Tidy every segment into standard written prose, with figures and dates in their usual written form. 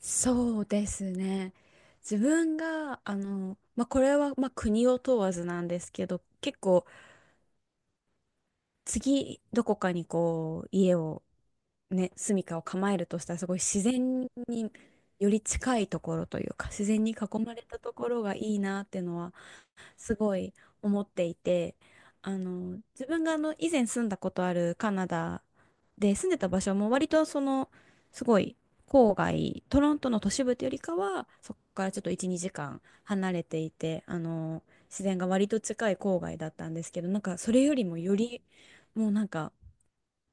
そうですね。自分が、まあ、これは、まあ、国を問わずなんですけど、結構、次、どこかにこう、家を、ね、住処を構えるとしたら、すごい自然により近いところというか、自然に囲まれたところがいいなっていうのはすごい思っていて、自分が以前住んだことあるカナダで住んでた場所も割とその、すごい郊外、トロントの都市部というよりかは、そこからちょっと1、2時間離れていて、自然が割と近い郊外だったんですけど、なんかそれよりもより、もうなんか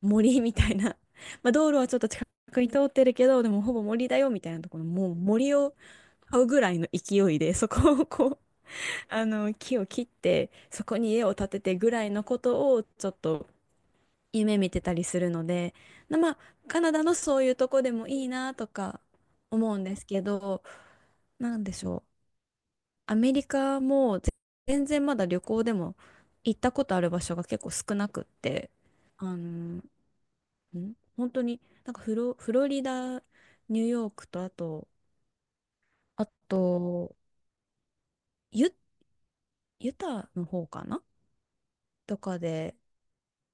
森みたいな、まあ道路はちょっと近くに通ってるけど、でもほぼ森だよみたいなところ、もう森を買うぐらいの勢いで、そこをこう、あの木を切ってそこに家を建ててぐらいのことをちょっと夢見てたりするので、まあカナダのそういうとこでもいいなとか思うんですけど、なんでしょう。アメリカも全然まだ旅行でも行ったことある場所が結構少なくって、あの、本当になんかフロリダ、ニューヨークとあと、ユ、ユタの方かなとかで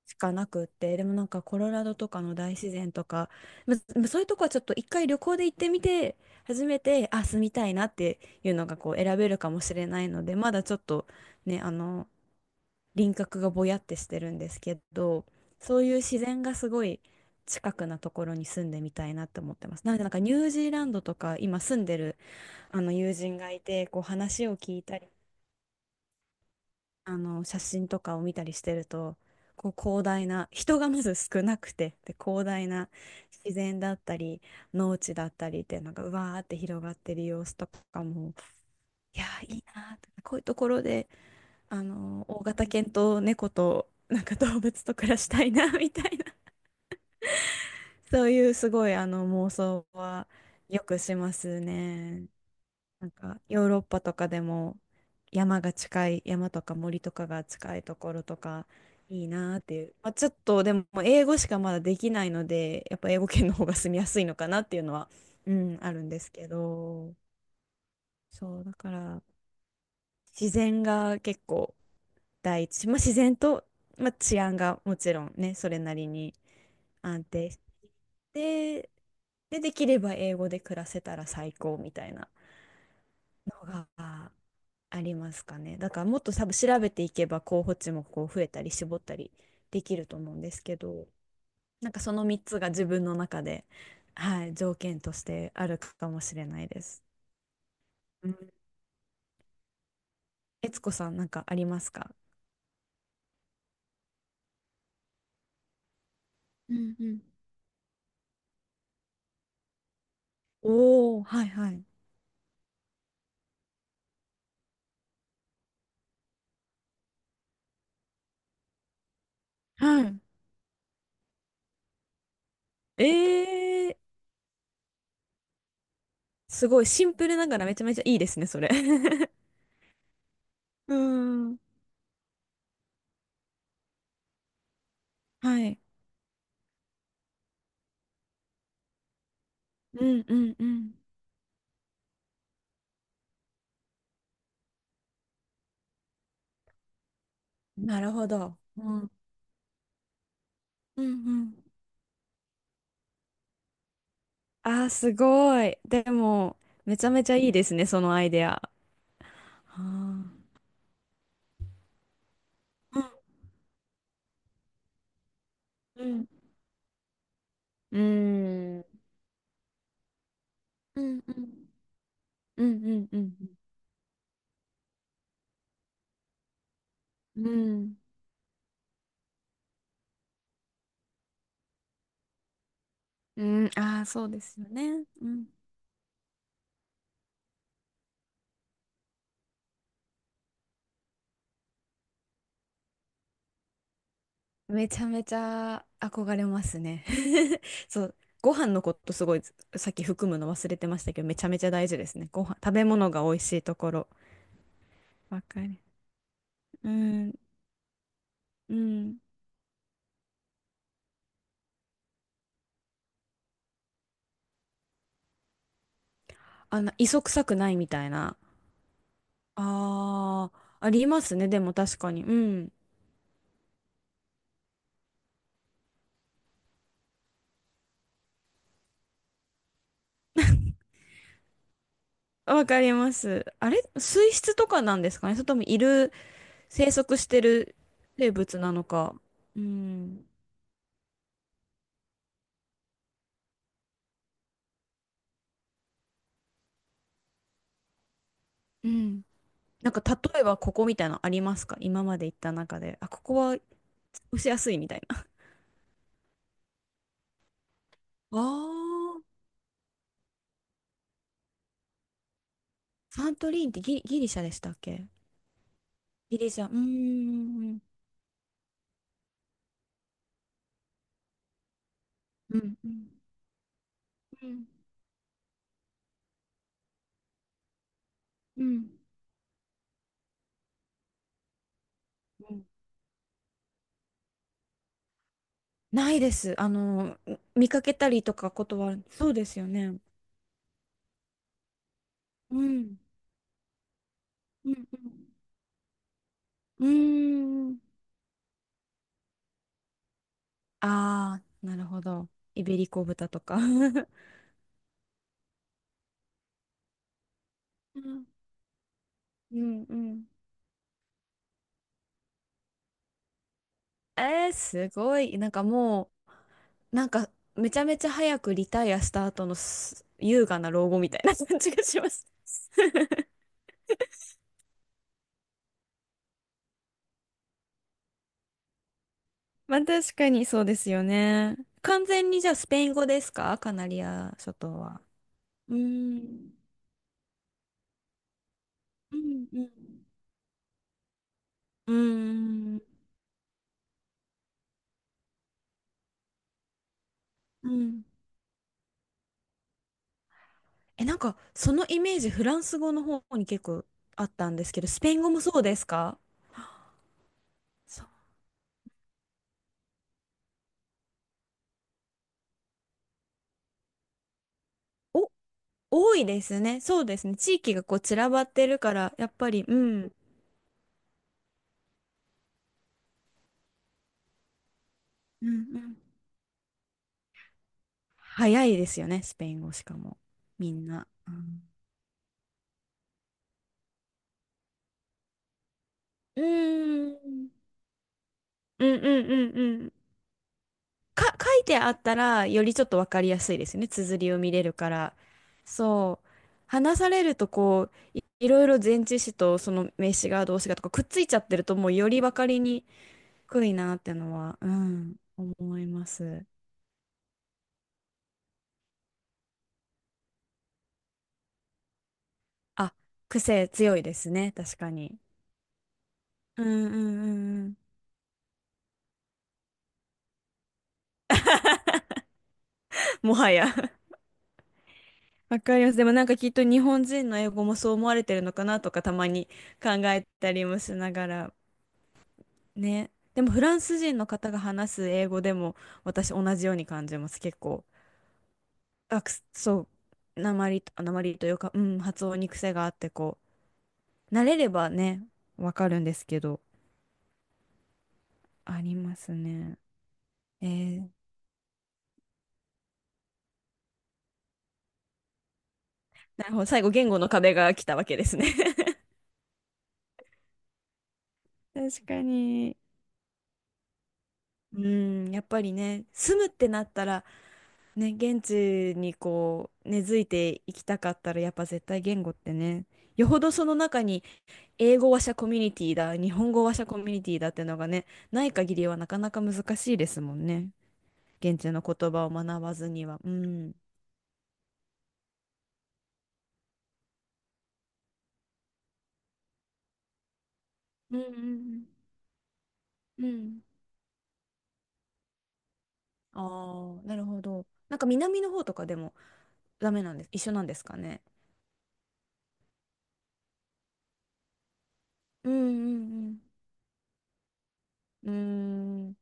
しかなくって、でもなんかコロラドとかの大自然とか、ままそういうとこはちょっと一回旅行で行ってみて、初めて、あ、住みたいなっていうのがこう選べるかもしれないので、まだちょっとね、輪郭がぼやってしてるんですけど、そういう自然がすごい近くなところに住んでみたいなって思ってます。なのでなんかニュージーランドとか今住んでるあの友人がいて、こう話を聞いたり写真とかを見たりしてるとこう広大な人がまず少なくてで広大な自然だったり農地だったりっていうのがうわーって広がってる様子とかもいやーいいなーってこういうところで大型犬と猫となんか動物と暮らしたいなみたいなそういうすごい妄想はよくしますね。なんかヨーロッパとかでも山が近い山とか森とかが近いところとかいいなーっていう、まあ、ちょっとでも英語しかまだできないのでやっぱ英語圏の方が住みやすいのかなっていうのは、うん、あるんですけどそうだから自然が結構第一、まあ、自然と、まあ、治安がもちろんねそれなりに安定してで、で、できれば英語で暮らせたら最高みたいな。のがありますかね。だからもっと多分調べていけば候補地もこう増えたり絞ったりできると思うんですけど、なんかその3つが自分の中で、はい、条件としてあるかもしれないです。うん。悦子さんなんかありますか？うんうん。おおー、はいはい。はい。すごいシンプルながらめちゃめちゃいいですね、それ。うーん。はい。うんうんうん。なるほど。うん。うんうん。あー、すごい。でも、めちゃめちゃいいですね、そのアイデア。あーうんうん。うんうんうんうんうんうんうんうんああーそうですよねうんめちゃめちゃ憧れますね。そう、ご飯のことすごいさっき含むの忘れてましたけど、めちゃめちゃ大事ですね。ご飯、食べ物が美味しいところ。わかる。うん、うん。あんな、磯臭くないみたいな。ああ、ありますね。でも確かに。うん。わかります。あれ、水質とかなんですかねそれともいる、生息してる生物なのか。うん。うん。なんか例えばここみたいなのありますか？今まで行った中で。あ、ここは押しやすいみたいな。ああ、サントリーンってギリシャでしたっけ？ギリシャ。うーん。うん。うんないです。あの、見かけたりとかことは、そうですよね。うん。うんうんうーん。ああ、なるほど。イベリコ豚とか。うんうんうん。すごい。なんかもう、なんかめちゃめちゃ早くリタイアした後の優雅な老後みたいな感じがします。まあ確かにそうですよね。完全にじゃあスペイン語ですかカナリア諸島は？うーん。うんうん。うーん。うんえ、なんか、そのイメージ、フランス語の方に結構あったんですけど、スペイン語もそうですか？ そうお、多いですね。そうですね。地域がこう散らばってるから、やっぱり、うん、うんうん早いですよね、スペイン語しかも。みんな。うんうーん、うんうんうんうん。か、書いてあったら、よりちょっとわかりやすいですよね。綴りを見れるから。そう。話されると、こう、いろいろ前置詞とその名詞が動詞がとかくっついちゃってると、もうよりわかりにくいなってのは、うん、思います。あ、癖強いですね。確かに。うんうんうんうん。もはや わかります。でもなんかきっと日本人の英語もそう思われてるのかなとかたまに考えたりもしながら。ね。でもフランス人の方が話す英語でも私同じように感じます。結構。あ、くすそう。鉛というか、うん、発音に癖があってこう。慣れればね、わかるんですけど。ありますね。えー、なるほど。最後、言語の壁が来たわけですね。確かに。うん、やっぱりね、住むってなったら、ね、現地にこう、根付いていきたかったら、やっぱ絶対言語ってね、よほどその中に英語話者コミュニティだ、日本語話者コミュニティだってのがね、ない限りはなかなか難しいですもんね。現地の言葉を学ばずには。うん。うんうんうんうんああ、なるほど。なんか南の方とかでもダメなんです。一緒なんですかね。うんうんうん。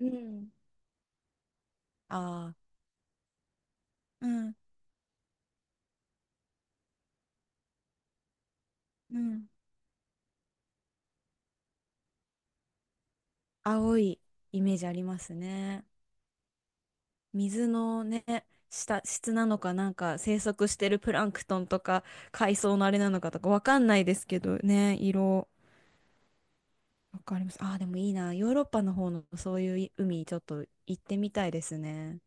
うーんきうんああ、うんうん青いイメージありますね。水のね、下、質なのかなんか生息してるプランクトンとか海藻のあれなのかとかわかんないですけどね、色。わかります。ああ、でもいいな。ヨーロッパの方のそういう海ちょっと行ってみたいですね。